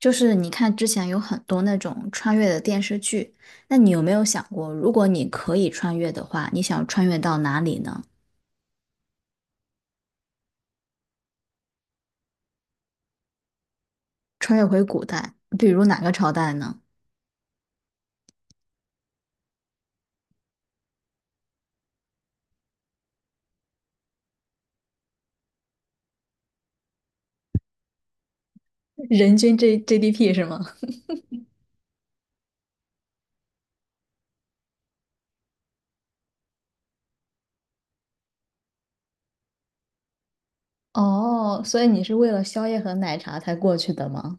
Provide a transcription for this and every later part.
就是你看之前有很多那种穿越的电视剧，那你有没有想过，如果你可以穿越的话，你想穿越到哪里呢？穿越回古代，比如哪个朝代呢？人均 GDP 是吗？哦，所以你是为了宵夜和奶茶才过去的吗？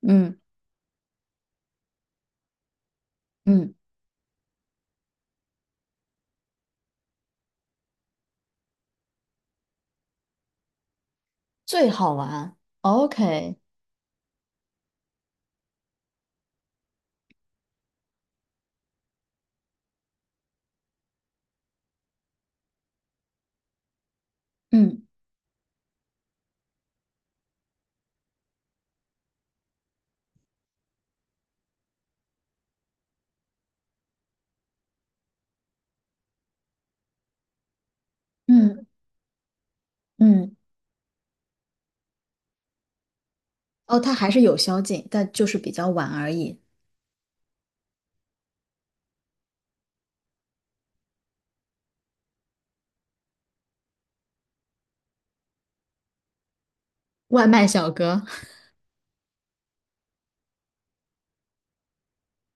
嗯嗯，最好玩。OK，嗯嗯嗯，哦，它还是有宵禁，但就是比较晚而已。外卖小哥，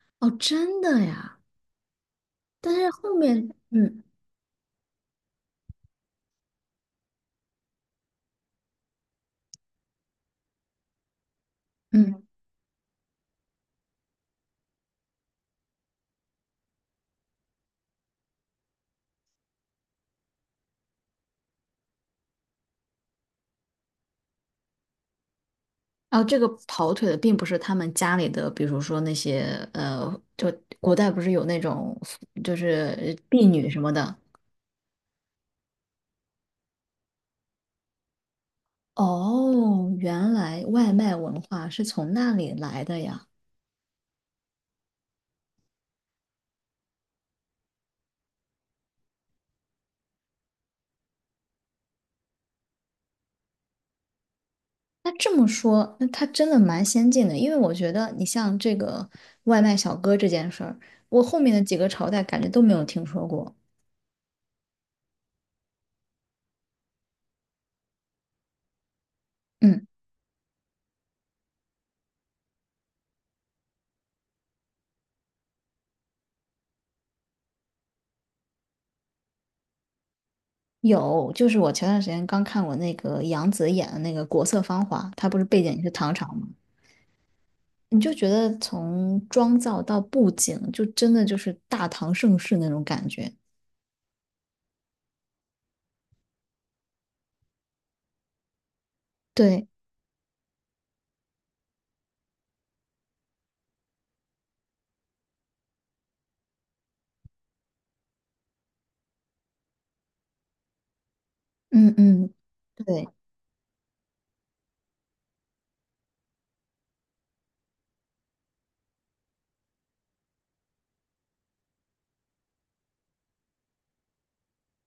哦，真的呀？但是后面，嗯嗯。然后这个跑腿的并不是他们家里的，比如说那些呃，就古代不是有那种就是婢女什么的。哦，原来外卖文化是从那里来的呀。那这么说，那他真的蛮先进的，因为我觉得你像这个外卖小哥这件事儿，我后面的几个朝代感觉都没有听说过。嗯，有，就是我前段时间刚看我那个杨紫演的那个《国色芳华》，它不是背景是唐朝吗？你就觉得从妆造到布景，就真的就是大唐盛世那种感觉。对，嗯嗯，对，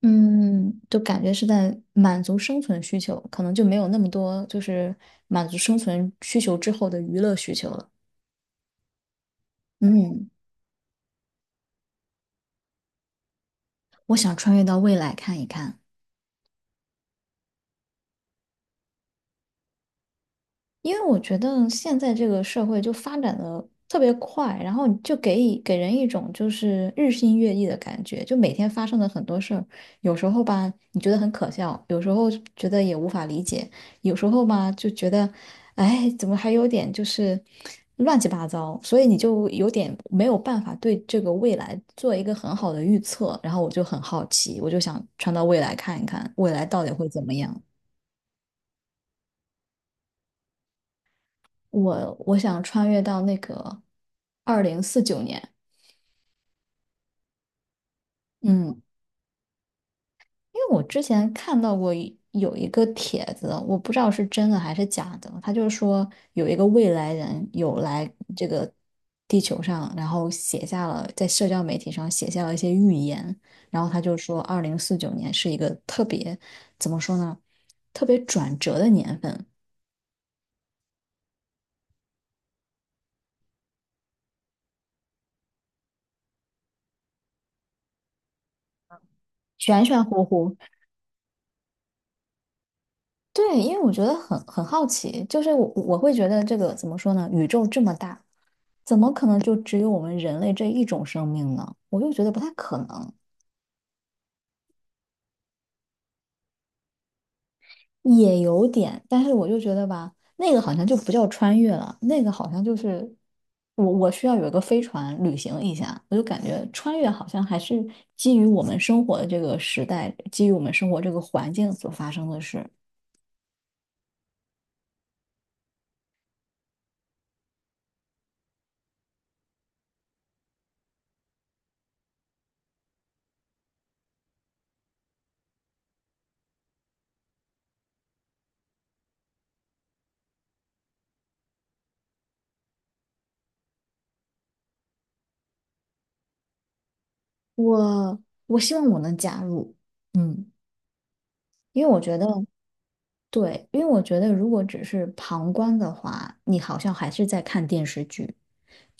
嗯，就感觉是在满足生存需求，可能就没有那么多就是满足生存需求之后的娱乐需求了。嗯，我想穿越到未来看一看。因为我觉得现在这个社会就发展的特别快，然后就给以给人一种就是日新月异的感觉，就每天发生的很多事儿，有时候吧你觉得很可笑，有时候觉得也无法理解，有时候吧就觉得，哎，怎么还有点就是乱七八糟，所以你就有点没有办法对这个未来做一个很好的预测，然后我就很好奇，我就想穿到未来看一看，未来到底会怎么样。我想穿越到那个二零四九年，嗯，因为我之前看到过一个帖子，我不知道是真的还是假的，他就是说有一个未来人有来这个地球上，然后写下了在社交媒体上写下了一些预言，然后他就说二零四九年是一个特别怎么说呢，特别转折的年份，玄玄乎乎，对，因为我觉得很好奇，就是我会觉得这个怎么说呢？宇宙这么大，怎么可能就只有我们人类这一种生命呢？我就觉得不太可能，也有点，但是我就觉得吧，那个好像就不叫穿越了，那个好像就是我需要有一个飞船旅行一下，我就感觉穿越好像还是基于我们生活的这个时代，基于我们生活这个环境所发生的事。我我希望我能加入，嗯。因为我觉得，对，因为我觉得如果只是旁观的话，你好像还是在看电视剧，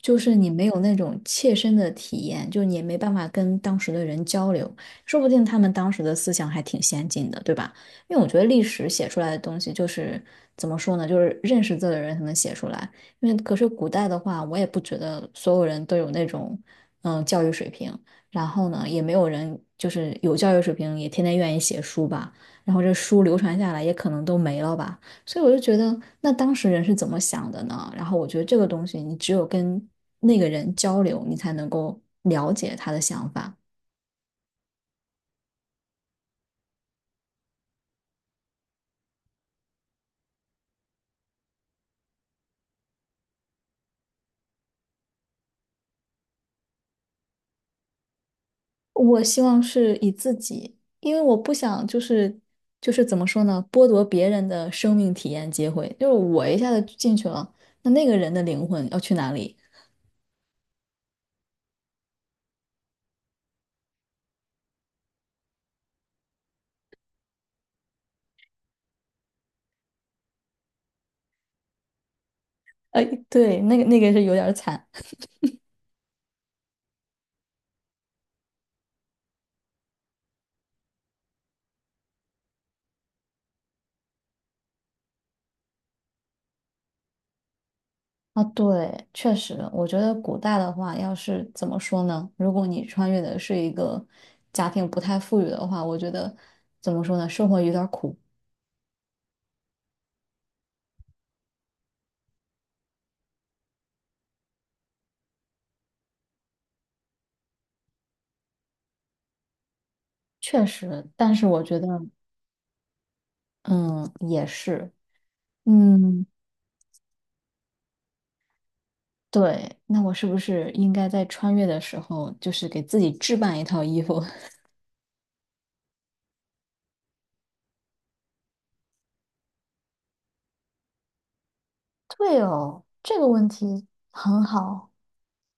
就是你没有那种切身的体验，就你也没办法跟当时的人交流，说不定他们当时的思想还挺先进的，对吧？因为我觉得历史写出来的东西就是怎么说呢，就是认识字的人才能写出来。因为可是古代的话，我也不觉得所有人都有那种嗯教育水平，然后呢，也没有人就是有教育水平也天天愿意写书吧，然后这书流传下来也可能都没了吧。所以我就觉得，那当时人是怎么想的呢？然后我觉得这个东西，你只有跟那个人交流，你才能够了解他的想法。我希望是以自己，因为我不想就是怎么说呢，剥夺别人的生命体验机会。就是我一下子进去了，那那个人的灵魂要去哪里？哎，对，那个是有点惨。啊，对，确实，我觉得古代的话，要是怎么说呢？如果你穿越的是一个家庭不太富裕的话，我觉得怎么说呢？生活有点儿苦，确实。但是我觉得，嗯，也是，嗯，对。那我是不是应该在穿越的时候，就是给自己置办一套衣服？对哦，这个问题很好。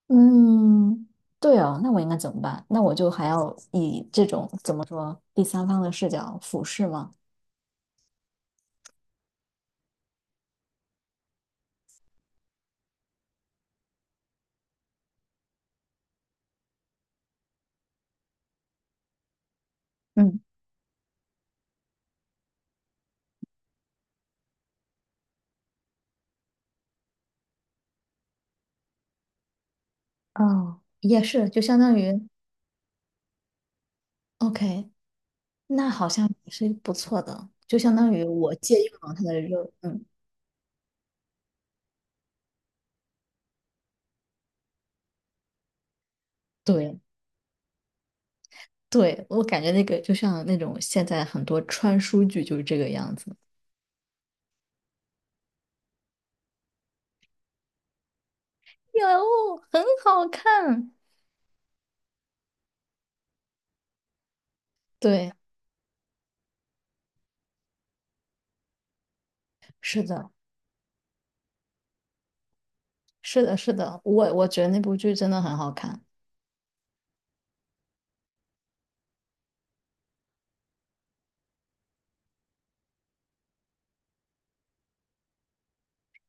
嗯，对哦，那我应该怎么办？那我就还要以这种怎么说第三方的视角俯视吗？嗯，哦，也是，就相当于，OK，那好像也是不错的，就相当于我借用了他的肉，嗯，对对，我感觉那个就像那种现在很多穿书剧就是这个样子，有，很好看，对，是的，是的，是的，我觉得那部剧真的很好看，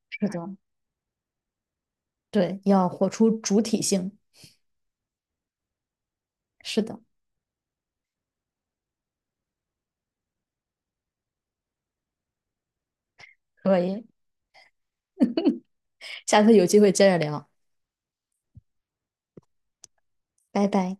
是的，对，要活出主体性，是的，可以，下次有机会接着聊，拜拜。